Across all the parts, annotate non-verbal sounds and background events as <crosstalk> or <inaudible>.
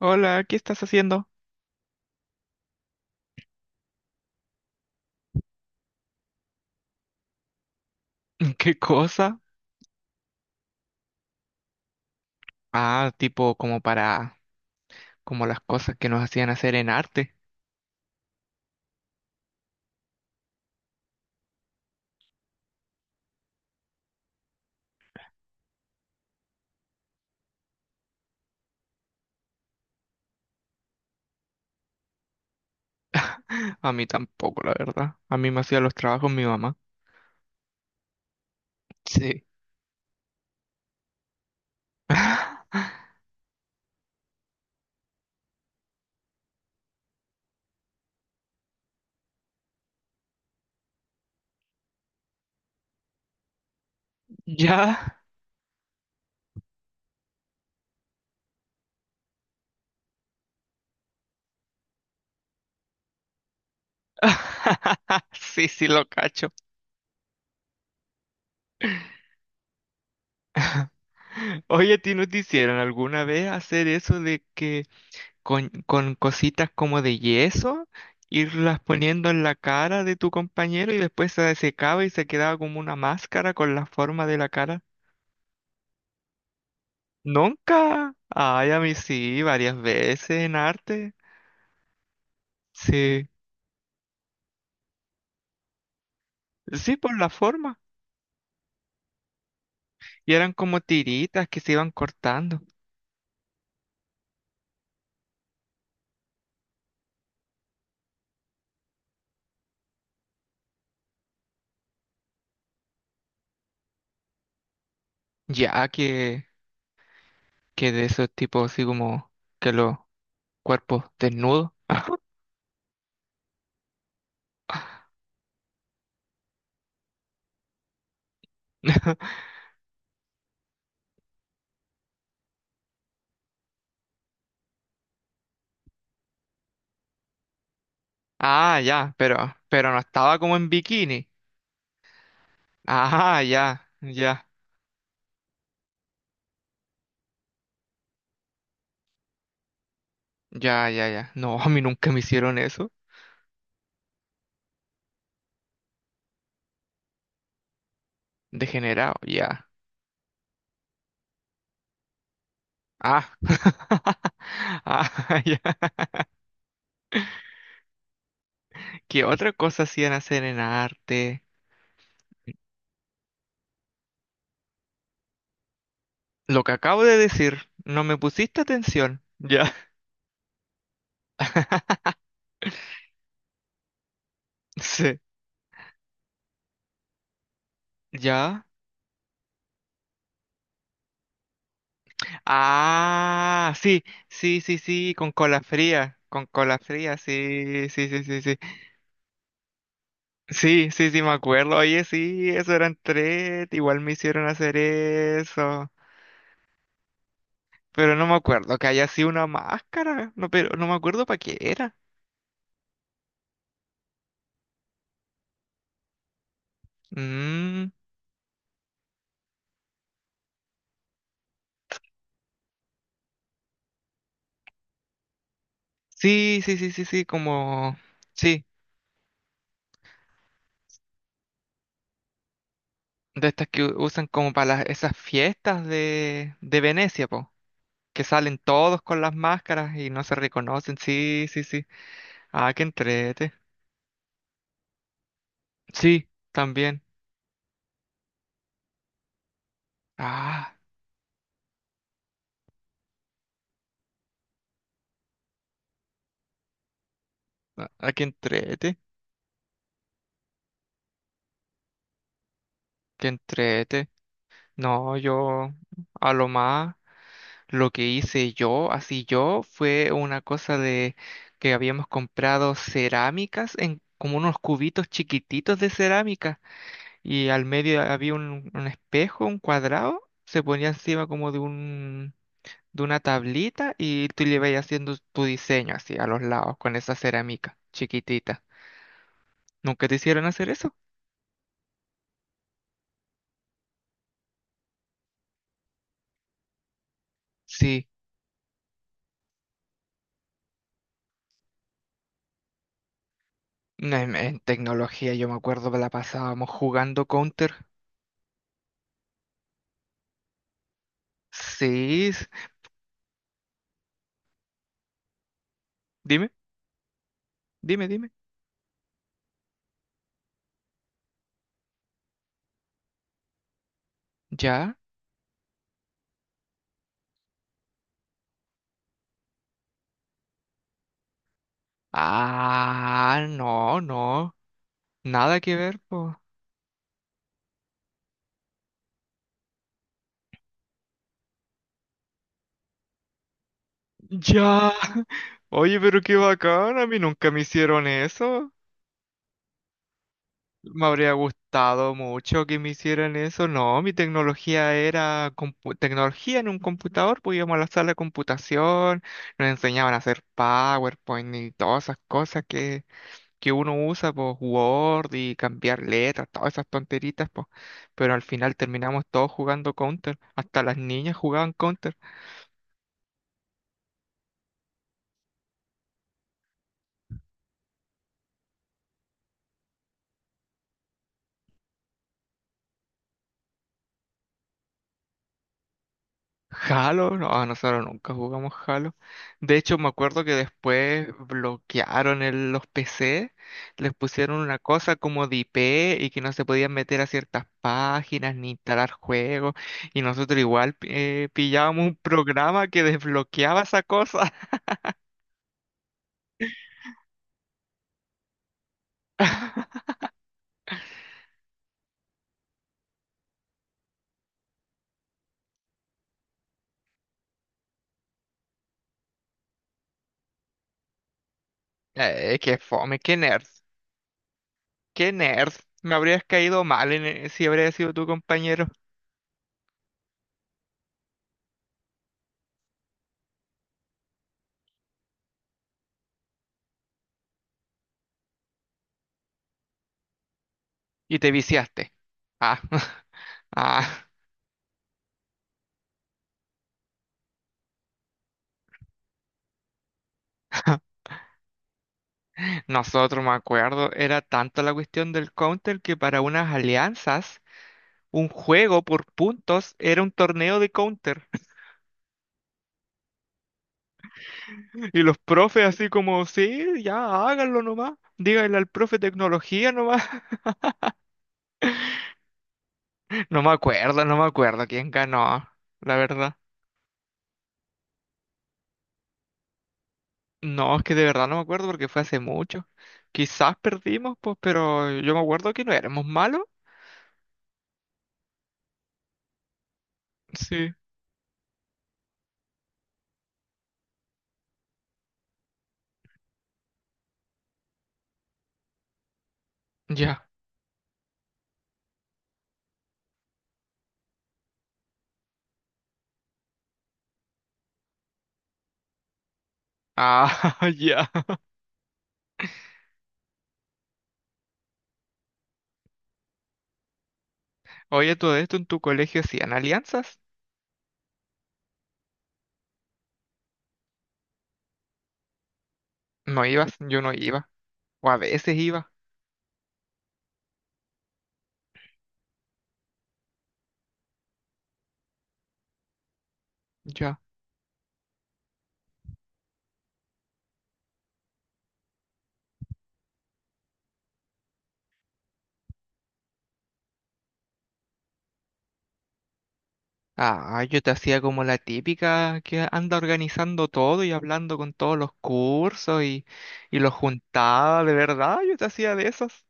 Hola, ¿qué estás haciendo? <laughs> ¿Qué cosa? Ah, tipo como para, como las cosas que nos hacían hacer en arte. <laughs> A mí tampoco, la verdad. A mí me hacía los trabajos mi mamá. Sí. <laughs> ¿Ya? <laughs> Sí, sí, lo cacho. Oye, ¿a ti no te hicieron alguna vez hacer eso de que con cositas como de yeso, irlas poniendo en la cara de tu compañero y después se secaba y se quedaba como una máscara con la forma de la cara? Nunca. Ay, a mí sí, varias veces en arte. Sí, sí, por la forma. Y eran como tiritas que se iban cortando. Ya que de esos tipos así como que los cuerpos desnudos. <laughs> Ah, ya, pero no estaba como en bikini. Ah, ya, ya, ya, ya, ya. No, a mí nunca me hicieron eso. Degenerado, ya. Ah, <laughs> ah, ya. ¿Qué otra cosa hacían hacer en arte? Lo que acabo de decir, no me pusiste atención. Ya. <laughs> Sí. ¿Ya? Ah, sí, sí, sí, sí, con cola fría, sí, sí, sí, sí, sí. Sí, sí, sí, me acuerdo. Oye, sí, eso eran tres, igual me hicieron hacer eso. Pero no me acuerdo que haya sido una máscara, no, pero no me acuerdo para qué era. Mm, sí, sí, sí, sí, sí, como, sí, de estas que usan como para las, esas fiestas de Venecia, po. Que salen todos con las máscaras y no se reconocen. Sí, sí, sí. Ah, que entrete. Sí, también. Ah, a que entrete, que entrete. No, yo a lo más lo que hice yo, así yo, fue una cosa de que habíamos comprado cerámicas en como unos cubitos chiquititos de cerámica y al medio había un espejo, un cuadrado, se ponía encima como de un de una tablita y tú le vas haciendo tu diseño así a los lados con esa cerámica chiquitita. ¿Nunca te hicieron hacer eso? Sí, no, en tecnología yo me acuerdo que la pasábamos jugando Counter. Sí, dime, dime, dime. ¿Ya? Ah, no, no, nada que ver, po. Ya. <laughs> Oye, pero qué bacán, a mí nunca me hicieron eso. Me habría gustado mucho que me hicieran eso. No, mi tecnología era tecnología en un computador. Pues íbamos a la sala de computación, nos enseñaban a hacer PowerPoint y todas esas cosas que uno usa, pues Word y cambiar letras, todas esas tonteritas, pues. Pero al final terminamos todos jugando Counter. Hasta las niñas jugaban Counter. Halo, no, ah, nosotros nunca jugamos Halo. De hecho, me acuerdo que después bloquearon los PC, les pusieron una cosa como de IP y que no se podían meter a ciertas páginas ni instalar juegos. Y nosotros igual pillábamos un programa que desbloqueaba esa cosa. <laughs> Qué fome, qué nerd, qué nerd. Me habrías caído mal en si habrías sido tu compañero y te viciaste. Ah, <laughs> ah. Nosotros, me acuerdo, era tanto la cuestión del Counter que para unas alianzas, un juego por puntos era un torneo de Counter. <laughs> Y los profes así como, sí, ya háganlo nomás. Díganle al profe tecnología nomás. <laughs> No me acuerdo, no me acuerdo quién ganó, la verdad. No, es que de verdad no me acuerdo porque fue hace mucho. Quizás perdimos, pues, pero yo me acuerdo que no éramos malos. Sí, ya. Ah, <laughs> ya. Oye, todo esto en tu colegio hacían alianzas. No ibas, yo no iba. O a veces iba. Ya. Ah, yo te hacía como la típica que anda organizando todo y hablando con todos los cursos y los juntaba, de verdad, yo te hacía de esas.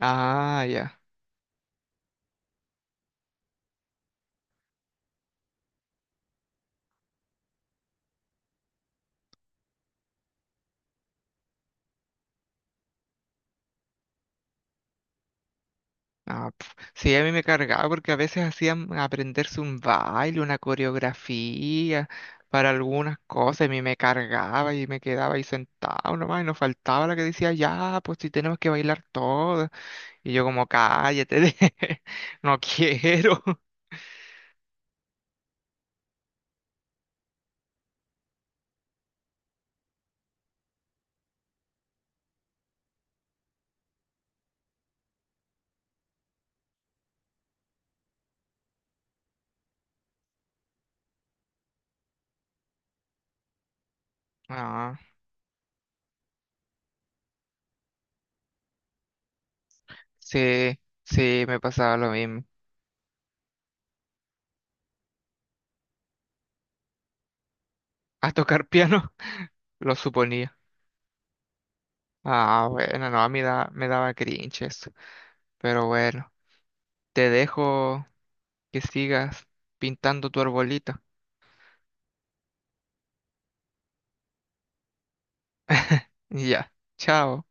Ah, ya. Ah, pf. Sí, a mí me cargaba porque a veces hacían aprenderse un baile, una coreografía para algunas cosas, y a mí me cargaba y me quedaba ahí sentado nomás y nos faltaba la que decía, ya, pues si tenemos que bailar todo. Y yo como, cállate, <laughs> no quiero. Ah, sí, sí, me pasaba lo mismo. A tocar piano, <laughs> lo suponía. Ah, bueno, no, a mí me daba cringe eso. Pero bueno, te dejo que sigas pintando tu arbolito. Y ya, chao.